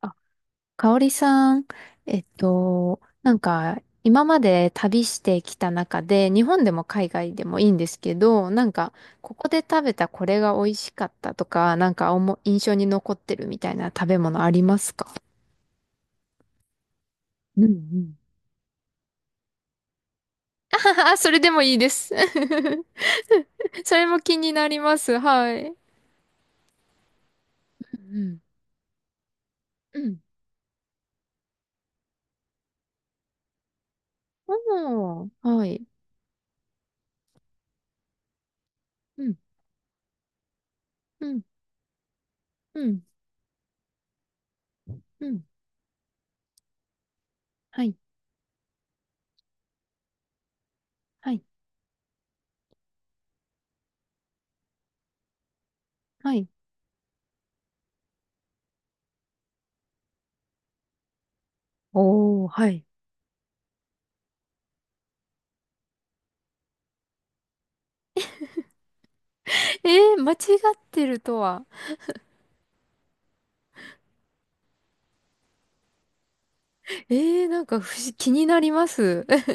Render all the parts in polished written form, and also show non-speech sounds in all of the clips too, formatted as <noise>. あ、かおりさん、なんか、今まで旅してきた中で、日本でも海外でもいいんですけど、なんか、ここで食べたこれが美味しかったとか、なんか印象に残ってるみたいな食べ物ありますか？ <laughs> うんうん。<laughs> あ、それでもいいです。<laughs> それも気になります。はい。うんうん。うん。おー、はい。うん。うん、うん、うん。はい。はい、はい。おー、はい。えー、間違ってるとは。えー、なんか不思気になります。<laughs>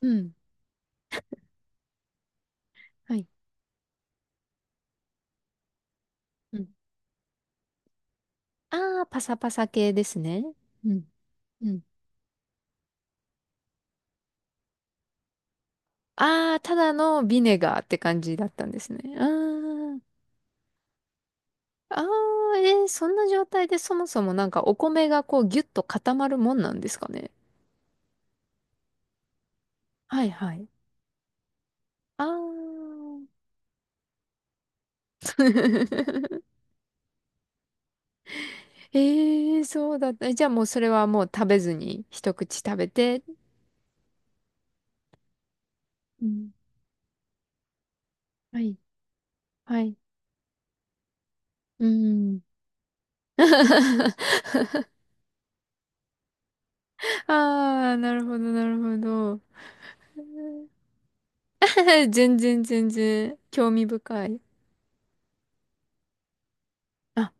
うん。はい。うん。ああ、パサパサ系ですね。うん。うん。あー、ただのビネガーって感じだったんですね。あー、あー、そんな状態でそもそもなんかお米がこうギュッと固まるもんなんですかね？はいはい。ああ、<laughs> ええ、そうだった。じゃあもうそれはもう食べずに一口食べて。うん。はい。はい。うん。ああ、なるほど、なるほど。<laughs> 全然全然興味深い。あ、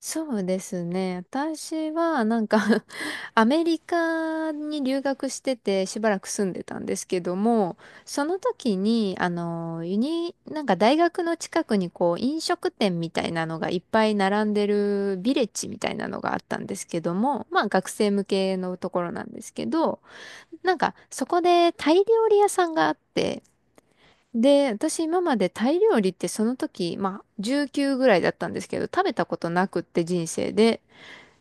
そうですね。私はなんか <laughs> アメリカに留学しててしばらく住んでたんですけども、その時に、なんか大学の近くにこう飲食店みたいなのがいっぱい並んでるビレッジみたいなのがあったんですけども、まあ学生向けのところなんですけど、なんかそこでタイ料理屋さんがあって、で、私今までタイ料理ってその時、まあ19ぐらいだったんですけど、食べたことなくって人生で。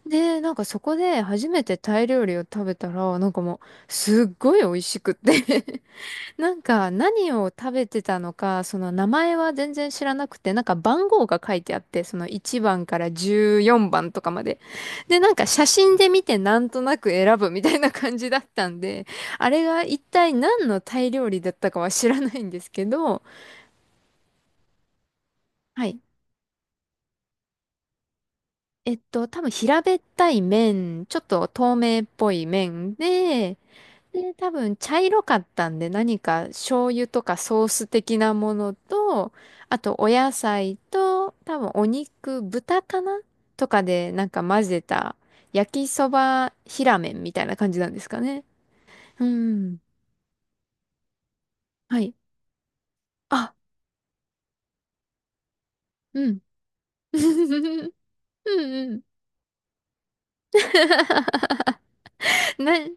で、なんかそこで初めてタイ料理を食べたら、なんかもうすっごい美味しくって <laughs> なんか何を食べてたのか、その名前は全然知らなくて、なんか番号が書いてあって、その1番から14番とかまで。で、なんか写真で見てなんとなく選ぶみたいな感じだったんで、あれが一体何のタイ料理だったかは知らないんですけど、はい。多分平べったい麺ちょっと透明っぽい麺で、で、多分茶色かったんで何か醤油とかソース的なものと、あとお野菜と、多分お肉、豚かなとかでなんか混ぜた焼きそば平麺みたいな感じなんですかね？うん。はい。あ、うん。<laughs> うんうん。<laughs> な、<laughs> え、で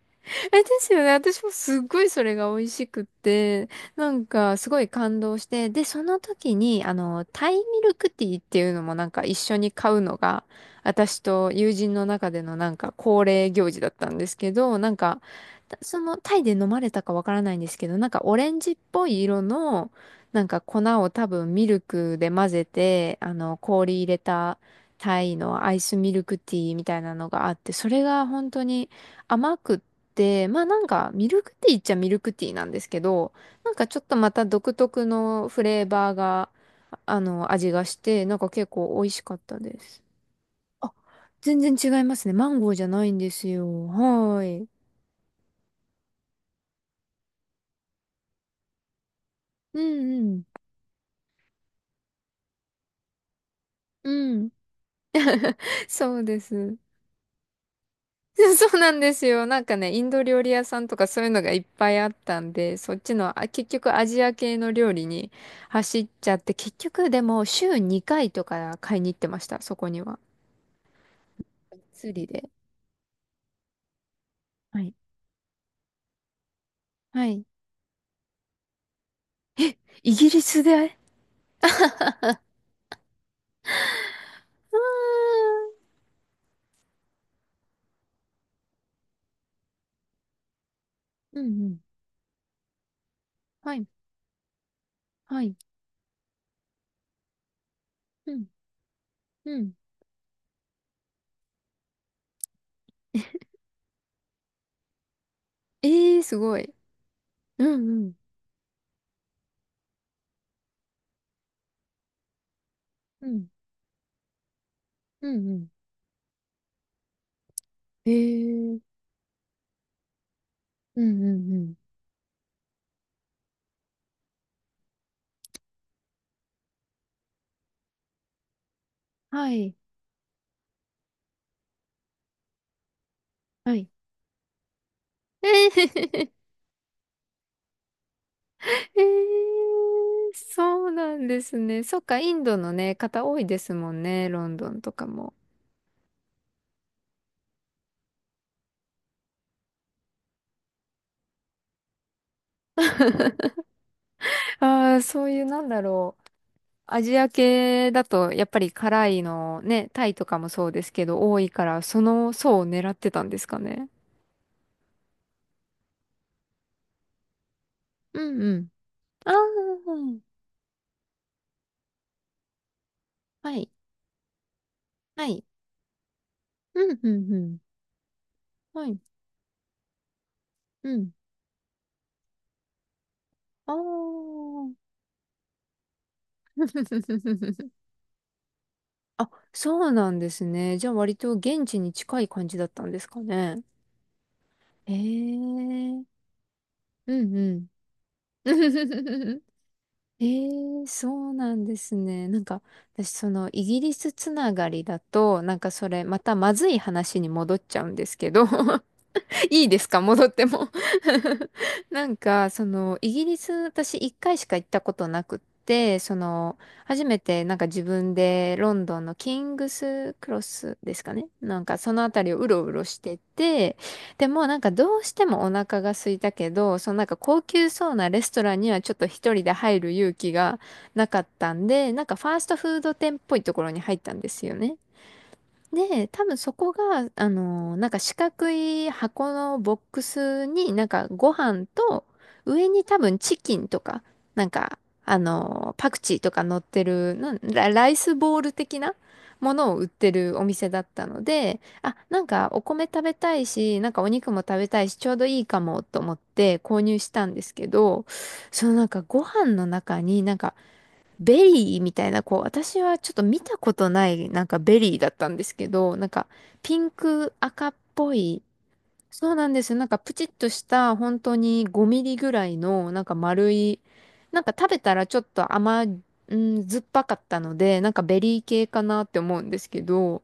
すよね。私もすっごいそれが美味しくって、なんかすごい感動して、で、その時に、タイミルクティーっていうのもなんか一緒に買うのが、私と友人の中でのなんか恒例行事だったんですけど、なんか、そのタイで飲まれたかわからないんですけど、なんかオレンジっぽい色の、なんか粉を多分ミルクで混ぜて、氷入れたタイのアイスミルクティーみたいなのがあって、それが本当に、甘くっで、まあなんかミルクティーっちゃミルクティーなんですけど、なんかちょっとまた独特のフレーバーが、味がして、なんか結構美味しかったです。あ、全然違いますね。マンゴーじゃないんですよ。はーい。うんうん。うん。そうです。<laughs> そうなんですよ。なんかね、インド料理屋さんとかそういうのがいっぱいあったんで、そっちの、あ、結局アジア系の料理に走っちゃって、結局でも週2回とか買いに行ってました、そこには。釣りで。はい。はい。イギリスで。うんうん。はい。はい。うん。うん。ええー、すごい。うんうん。うん。うんうん。ええー。うんうんうん。はい。はい。ええ。 <laughs> えー、そうなんですね。そっか、インドのね、方多いですもんね、ロンドンとかも。ああ、そういう、なんだろう。アジア系だと、やっぱり辛いのね、タイとかもそうですけど、多いから、その層を狙ってたんですかね？うん。ああ、はい、はい。うん、うん、うん。はい、うん。ああ。<laughs> あ、そうなんですね。じゃあ割と現地に近い感じだったんですかね？ええー。うんうん。<laughs> ええ、そうなんですね。なんか、私そのイギリスつながりだと、なんかそれまたまずい話に戻っちゃうんですけど、 <laughs> <laughs> いいですか、戻っても？ <laughs> なんか、その、イギリス、私一回しか行ったことなくって、その、初めてなんか自分でロンドンのキングスクロスですかね、なんかそのあたりをうろうろしてて、でもなんかどうしてもお腹が空いたけど、そのなんか高級そうなレストランにはちょっと一人で入る勇気がなかったんで、なんかファーストフード店っぽいところに入ったんですよね。で、多分そこが、なんか四角い箱のボックスになんかご飯と、上に多分チキンとか、なんか、パクチーとか乗ってるなんラ、ライスボール的なものを売ってるお店だったので、あ、なんかお米食べたいし、なんかお肉も食べたいし、ちょうどいいかもと思って購入したんですけど、そのなんかご飯の中になんかベリーみたいな、こう、私はちょっと見たことない、なんかベリーだったんですけど、なんかピンク赤っぽい、そうなんですよ。なんかプチッとした、本当に5ミリぐらいの、なんか丸い、なんか食べたらちょっとうん、酸っぱかったので、なんかベリー系かなって思うんですけど、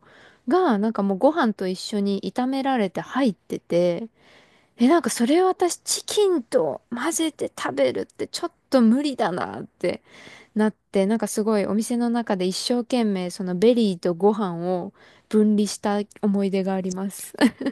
が、なんかもうご飯と一緒に炒められて入ってて、え、なんかそれを私チキンと混ぜて食べるってちょっと無理だなって。なんかすごいお店の中で一生懸命そのベリーとご飯を分離した思い出があります。<laughs>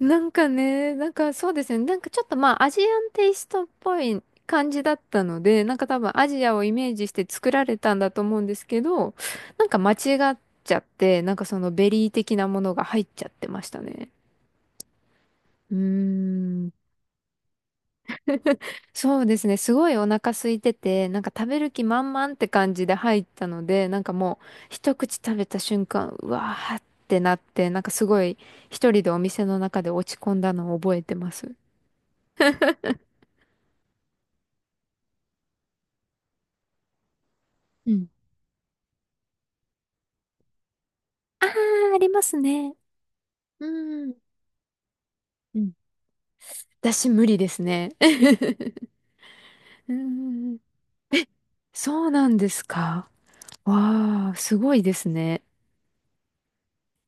なんかね、なんかそうですね、なんかちょっとまあアジアンテイストっぽい感じだったので、なんか多分アジアをイメージして作られたんだと思うんですけど、なんか間違っちゃって、なんかそのベリー的なものが入っちゃってましたね。うーん。<laughs> そうですね。すごいお腹空いてて、なんか食べる気満々って感じで入ったので、なんかもう一口食べた瞬間、うわーってなって、なんかすごい一人でお店の中で落ち込んだのを覚えてます。うん。あー、ありますね。うん。うん。私無理ですね。<laughs> うん。そうなんですか。わー、すごいですね。